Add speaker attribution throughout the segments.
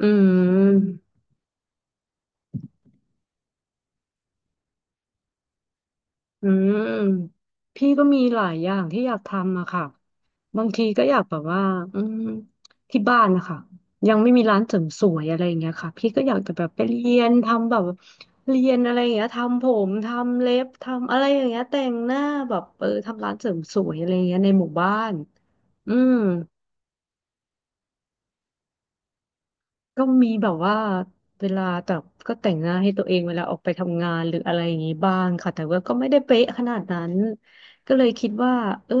Speaker 1: อืมอืมพี่ก็มีหลายอย่างที่อยากทำอะค่ะบางทีก็อยากแบบว่าอืมที่บ้านนะคะยังไม่มีร้านเสริมสวยอะไรอย่างเงี้ยค่ะพี่ก็อยากจะแบบไปเรียนทำแบบเรียนอะไรอย่างเงี้ยทำผมทำเล็บทำอะไรอย่างเงี้ยแต่งหน้าแบบเออทำร้านเสริมสวยอะไรอย่างเงี้ยในหมู่บ้านอืม ก็มีแบบว่าเวลาแต่ก็แต่งหน้าให้ตัวเองเวลาออกไปทำงานหรืออะไรอย่างนี้บ้างค่ะแต่ว่าก็ไม่ได้เป๊ะขนาดนั้นก็เลยคิดว่าเออ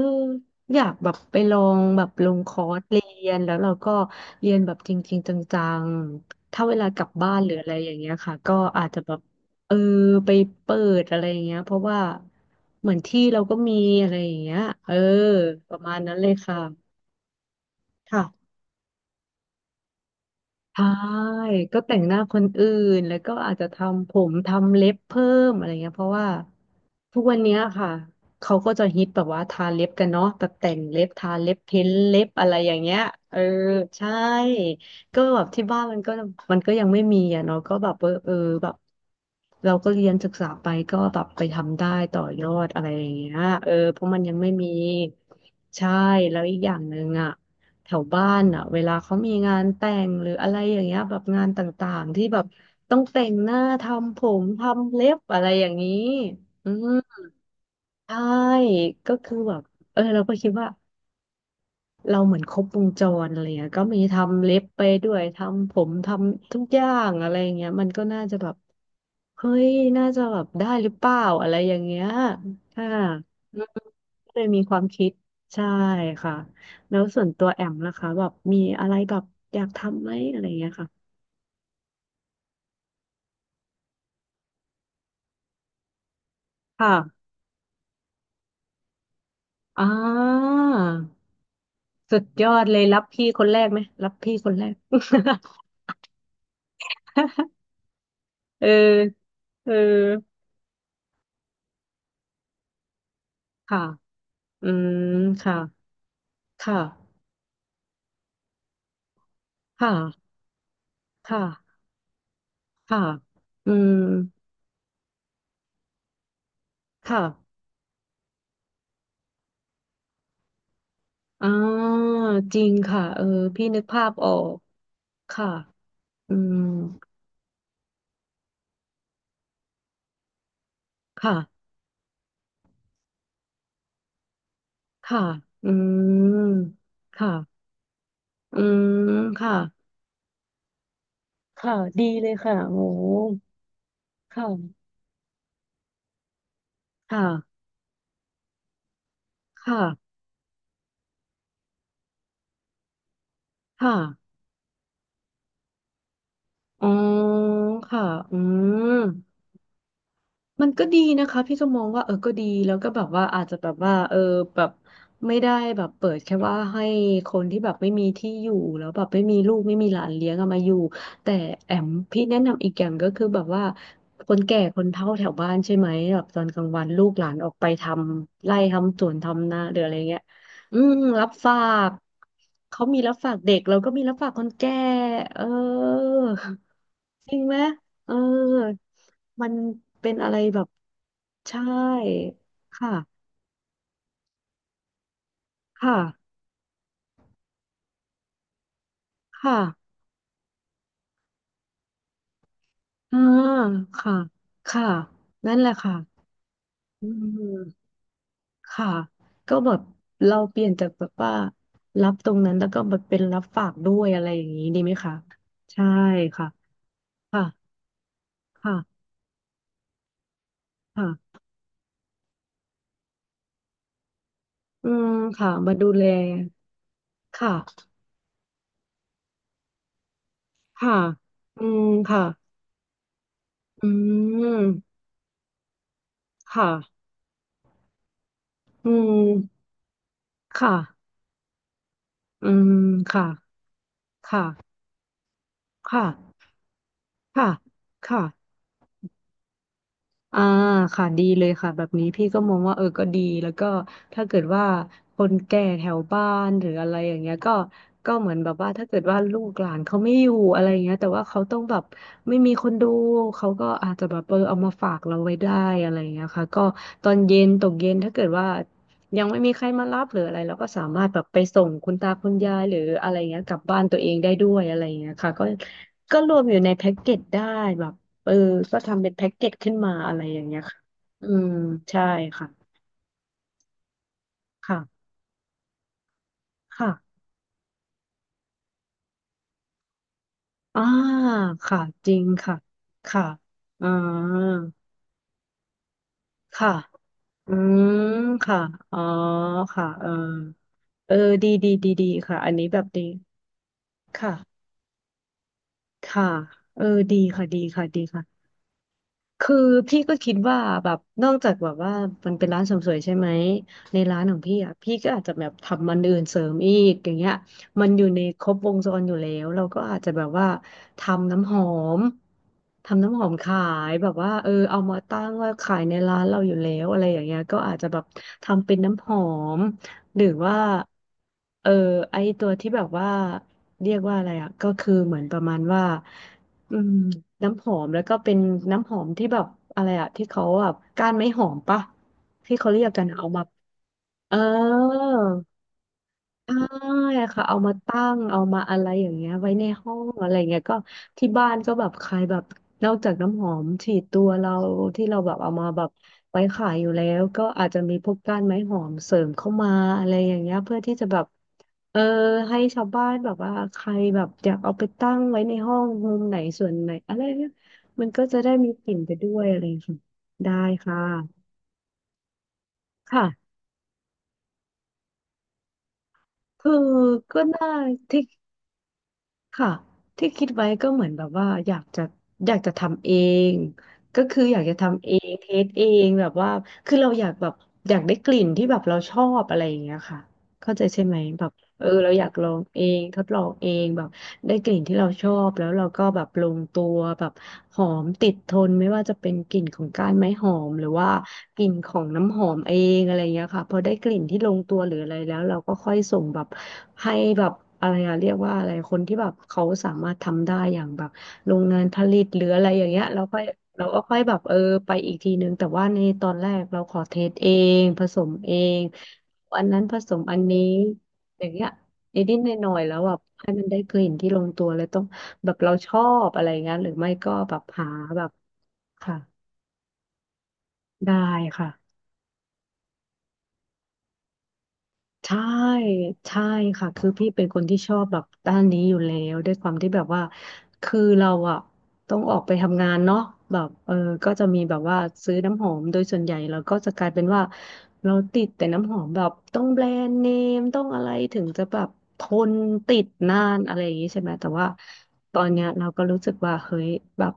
Speaker 1: อยากแบบไปลองแบบลงคอร์สเรียนแล้วเราก็เรียนแบบจริงๆจังๆถ้าเวลากลับบ้านหรืออะไรอย่างเงี้ยค่ะก็อาจจะแบบเออไปเปิดอะไรอย่างเงี้ยเพราะว่าเหมือนที่เราก็มีอะไรอย่างเงี้ยเออประมาณนั้นเลยค่ะค่ะ ใช่ ก็แต่งหน้าคนอื่น แล้วก็อาจจะทำผมทำเล็บเพิ่มอะไรเงี้ยเพราะว่าทุกวันเนี้ยค่ะเขาก็จะฮิตแบบว่าทาเล็บกันเนาะแบบแต่งเล็บทาเล็บเพ้นเล็บอะไรอย่างเงี้ยเออใช่ก็แบบที่บ้านมันก็ยังไม่มีอ่ะเนาะก็แบบเออเออแบบเราก็เรียนศึกษาไปก็แบบไปทำได้ต่อยอดอะไรอย่างเงี้ยเออเพราะมันยังไม่มีใช่แล้วอีกอย่างหนึ่งอ่ะ แถวบ้านอ่ะเวลาเขามีงานแต่งหรืออะไรอย่างเงี้ยแบบงานต่างๆที่แบบต้องแต่งหน้าทำผมทำเล็บอะไรอย่างนี้อืมใช่ก็คือแบบเออเราก็คิดว่าเราเหมือนครบวงจรอะไรเงี้ยก็มีทำเล็บไปด้วยทำผมทำทุกอย่างอะไรอย่างเงี้ยมันก็น่าจะแบบเฮ้ยน่าจะแบบได้หรือเปล่าอะไรอย่างเงี้ยค่ะ ก็เลยมีความคิดใช่ค่ะแล้วส่วนตัวแอมนะคะแบบมีอะไรแบบอยากทำไหมอะไรอย่างเงี้ยค่ะค่ะอ่าสุดยอดเลยรับพี่คนแรกไหมรับพี่คนแรก เออเออค่ะอืมค่ะค่ะค่ะค่ะค่ะอืมค่ะอ่าจริงค่ะเออพี่นึกภาพออกค่ะอืมค่ะค่ะอืมค่ะ อืม ค่ะ ค่ะ ดีเลยค่ะโอ้โหค่ะค่ะ ค่ะ ค่ะอ๋อค่ะ อืม มันก็ดีนะคะพี่ก็มองว่าเออก็ดีแล้วก็แบบว่าอาจจะแบบว่าเออแบบไม่ได้แบบเปิดแค่ว่าให้คนที่แบบไม่มีที่อยู่แล้วแบบไม่มีลูกไม่มีหลานเลี้ยงเอามาอยู่แต่แอมพี่แนะนำอีกอย่างก็คือแบบว่าคนแก่คนเฒ่าแถวบ้านใช่ไหมแบบตอนกลางวันลูกหลานออกไปทำไร่ทำสวนทำนาหรืออะไรเงี้ยอืมรับฝากเขามีรับฝากเด็กเราก็มีรับฝากคนแก่เออจริงไหม เออมันเป็นอะไรแบบใช่ค่ะค่ะค่ะอ่าค่ะค่ะนั่นแหละค่ะอืมค่ะก็แบบเราเปลี่ยนจากแบบว่ารับตรงนั้นแล้วก็แบบเป็นรับฝากด้วยอะไรอย่างนี้ดีไหมคะใช่ค่ะค่ะค่ะค่ะอืมค่ะมาดูแลค่ะค่ะอืมค่ะอืมค่ะอืมค่ะอืมค่ะ ค่ะ ค่ะ ค่ะ ค่ะ อ่าค่ะดีเลยค่ะแบบนี้พี่ก็มองว่าเออก็ดีแล้วก็ถ้าเกิดว่าคนแก่แถวบ้านหรืออะไรอย่างเงี้ยก็ก็เหมือนแบบว่าถ้าเกิดว่าลูกหลานเขาไม่อยู่อะไรอย่างเงี้ยแต่ว่าเขาต้องแบบไม่มีคนดูเขาก็อาจจะแบบเออเอามาฝากเราไว้ได้อะไรอย่างเงี้ยค่ะก็ตอนเย็นตกเย็นถ้าเกิดว่ายังไม่มีใครมารับหรืออะไรเราก็สามารถแบบไปส่งคุณตาคุณยายหรืออะไรเงี้ยกลับบ้านตัวเองได้ด้วยอะไรเงี้ยค่ะก็ก็รวมอยู่ในแพ็กเกจได้แบบ เออก็ทำเป็นแพ็กเกจขึ้นมาอะไรอย่างเงี้ยค่ะอืมใช่ค่ะค่ะค่ะอ่าค่ะจริงค่ะค่ะอ่าค่ะอืมค่ะอ๋อค่ะเออเออดีดีดีดีค่ะอันนี้แบบดีค่ะค่ะเออดีค่ะดีค่ะดีค่ะ คือพี่ก็คิดว่าแบบนอกจากแบบว่ามันเป็นร้านเสริมสวยใช่ไหมในร้านของพี่อ่ะพี่ก็อาจจะแบบทำมันอื่นเสริมอีกอย่างเงี้ยมันอยู่ในครบวงจรอยู่แล้วเราก็อาจจะแบบว่าทำน้ำหอมทำน้ำหอมขายแบบว่าเออเอามาตั้งว่าขายในร้านเราอยู่แล้วอะไรอย่างเงี้ยก็อาจจะแบบทำเป็นน้ำหอมหรือว่าเออไอตัวที่แบบว่าเรียกว่าอะไรอ่ะก็คือเหมือนประมาณว่า อืมน้ำหอมแล้วก็เป็นน้ำหอมที่แบบอะไรอะที่เขาแบบก้านไม้หอมปะที่เขาเรียกกันอะเอามาเออ ใช่ค่ะเอามาตั้งเอามาอะไรอย่างเงี้ยไว้ในห้องอะไรเงี้ยก็ที่บ้านก็แบบใครแบบนอกจากน้ำหอมฉีดตัวเราที่เราแบบเอามาแบบไว้ขายอยู่แล้วก็อาจจะมีพวกก้านไม้หอมเสริมเข้ามาอะไรอย่างเงี้ยเพื่อที่จะแบบเออให้ชาวบ้านแบบว่าใครแบบอยากเอาไปตั้งไว้ในห้องมุมไหนส่วนไหนอะไรเงี้ยมันก็จะได้มีกลิ่นไปด้วยอะไรค่ะได้ค่ะค่ะคือก็น่าที่ ค่ะที่คิดไว้ก็เหมือนแบบว่าอยากจะทำเองก็คืออยากจะทำเองเทสเองแบบว่าคือเราอยากแบบอยากได้กลิ่นที่แบบเราชอบอะไรอย่างเงี้ยค่ะเข้าใจใช่ไหมแบบเออเราอยากลองเองทดลองเองแบบได้กลิ่นที่เราชอบแล้วเราก็แบบลงตัวแบบ หอมติดทนไม่ว่าจะเป็นกลิ่นของก้านไม้หอมหรือว่ากลิ่นของน้ำหอมเองอะไรเงี้ยค่ะพอได้กลิ่นที่ลงตัวหรืออะไรแล้วเราก็ค่อยส่งแบบให้แบบอะไรอะเรียกว่าอะไรคนที่แบบเขาสามารถทำได้อย่างแบบโรงงานผลิตหรืออะไรอย่างเงี้ยเราก็ค่อยแบบเออไปอีกทีนึงแต่ว่าในตอนแรกเราขอเทสเองผสมเองอันนั้นผสมอันนี้อย่างเงี้ยนิดๆหน่อยๆแล้วแบบให้มันได้กลิ่นที่ลงตัวเลยต้อง แบบเราชอบอะไรเงี้ยหรือไม่ก็แบบหาแบบค่ะได้ค่ะ ใช่ใช่ค่ะคือพี่เป็นคนที่ชอบแบบด้านนี้อยู่แล้วด้วยความที่แบบว่าคือเราอะต้องออกไปทำงานเนาะแบบเออก็จะมีแบบว่าซื้อน้ำหอมโดยส่วนใหญ่เราก็จะกลายเป็นว่าเราติดแต่น้ำหอมแบบต้องแบรนด์เนมต้องอะไรถึงจะแบบทนติดนานอะไรอย่างนี้ใช่ไหมแต่ว่าตอนเนี้ยเราก็รู้สึกว่าเฮ้ยแบบ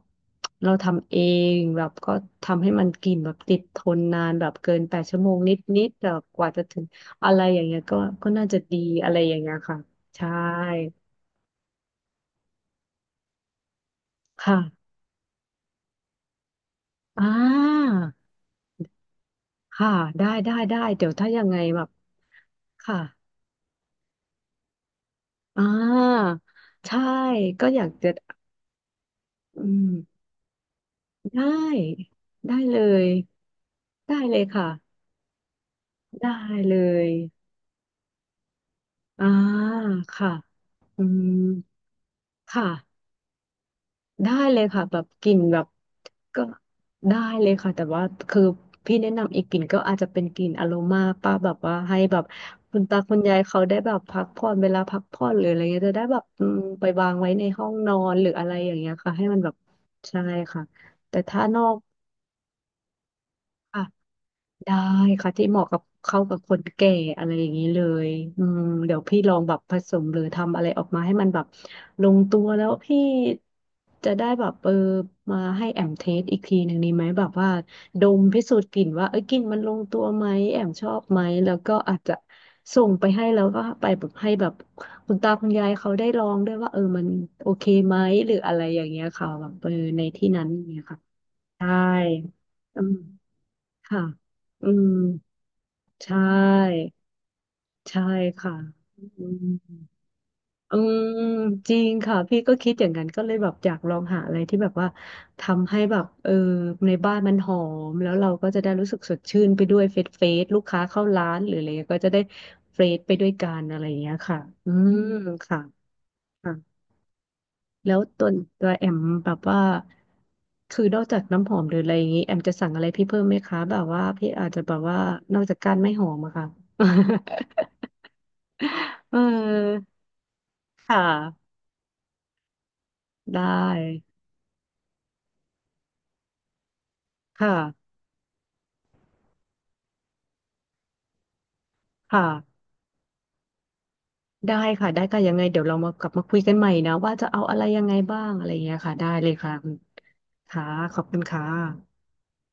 Speaker 1: เราทำเองแบบก็ทำให้มันกลิ่นแบบติดทนนานแบบเกินแปดชั่วโมงนิดๆแต่กว่าจะถึง อะไรอย่างเงี้ยก็ก็น่าจะดีอะไรอย่างเงี้ยค่ะใช่ค่ะอ่าค่ะได้ได้ได้เดี๋ยวถ้ายังไงแบบค่ะอ่าใช่ก็อยากจะอืมได้ได้เลยได้เลยค่ะได้เลยอ่าค่ะอืมค่ะ ได้เลยค่ะแบบกลิ่นแบบก็ได้เลยค่ะแต่ว่าคือพี่แนะนำอีกกลิ่นก็อาจจะเป็นกลิ่นอโรมาป้าแบบว่าให้แบบคุณตาคุณยายเขาได้แบบพักผ่อนเวลาพักผ่อนหรืออะไรเงี้ยจะได้แบบอืมไปวางไว้ในห้องนอนหรืออะไรอย่างเงี้ยค่ะให้มันแบบใช่ค่ะแต่ถ้านอก ได้ค่ะที่เหมาะกับเข้ากับคนแก่อะไรอย่างนี้เลยอืมเดี๋ยวพี่ลองแบบผสมหรือทำอะไรออกมาให้มันแบบลงตัวแล้วพี่จะได้แบบเออมาให้แอมเทสอีกทีหนึ่งนี้ไหมแบบว่าดมพิสูจน์กลิ่นว่าเออกลิ่นมันลงตัวไหมแอมชอบไหมแล้วก็อาจจะส่งไปให้แล้วก็ไปแบบให้แบบคุณตาคุณยายเขาได้ลองด้วยว่าเออมันโอเคไหมหรืออะไรอย่างเงี้ยค่ะแบบเออในที่นั้นอย่างเงี้ยค่ะใช่อืมค่ะอืม ใช่ใช่ค่ะอืมอืมจริงค่ะพี่ก็คิดอย่างนั้นก็เลยแบบอยากลองหาอะไรที่แบบว่าทำให้แบบเออในบ้านมันหอมแล้วเราก็จะได้รู้สึกสดชื่นไปด้วยเฟสเฟสลูกค้าเข้าร้านหรืออะไรเงี้ยก็จะได้เฟสไปด้วยกันอะไรอย่างเงี้ยค่ะอืมค่ะค่ะแล้วตัวแอมแบบว่าคือนอกจากน้ำหอมหรืออะไรอย่างงี้แอมจะสั่งอะไรพี่เพิ่มไหมคะแบบว่าพี่อาจจะแบบว่านอกจากการไม่หอมอะค่ะ เออค่ะได้ค่ะค่ะได้ค่ะได้ค่ะยังไงเดี๋ยวเรามากลับมาคุยกันใหม่นะว่าจะเอาอะไรยังไงบ้างอะไรอย่างเงี้ยค่ะได้เลยค่ะคุณค่ะขอบคุณค่ะ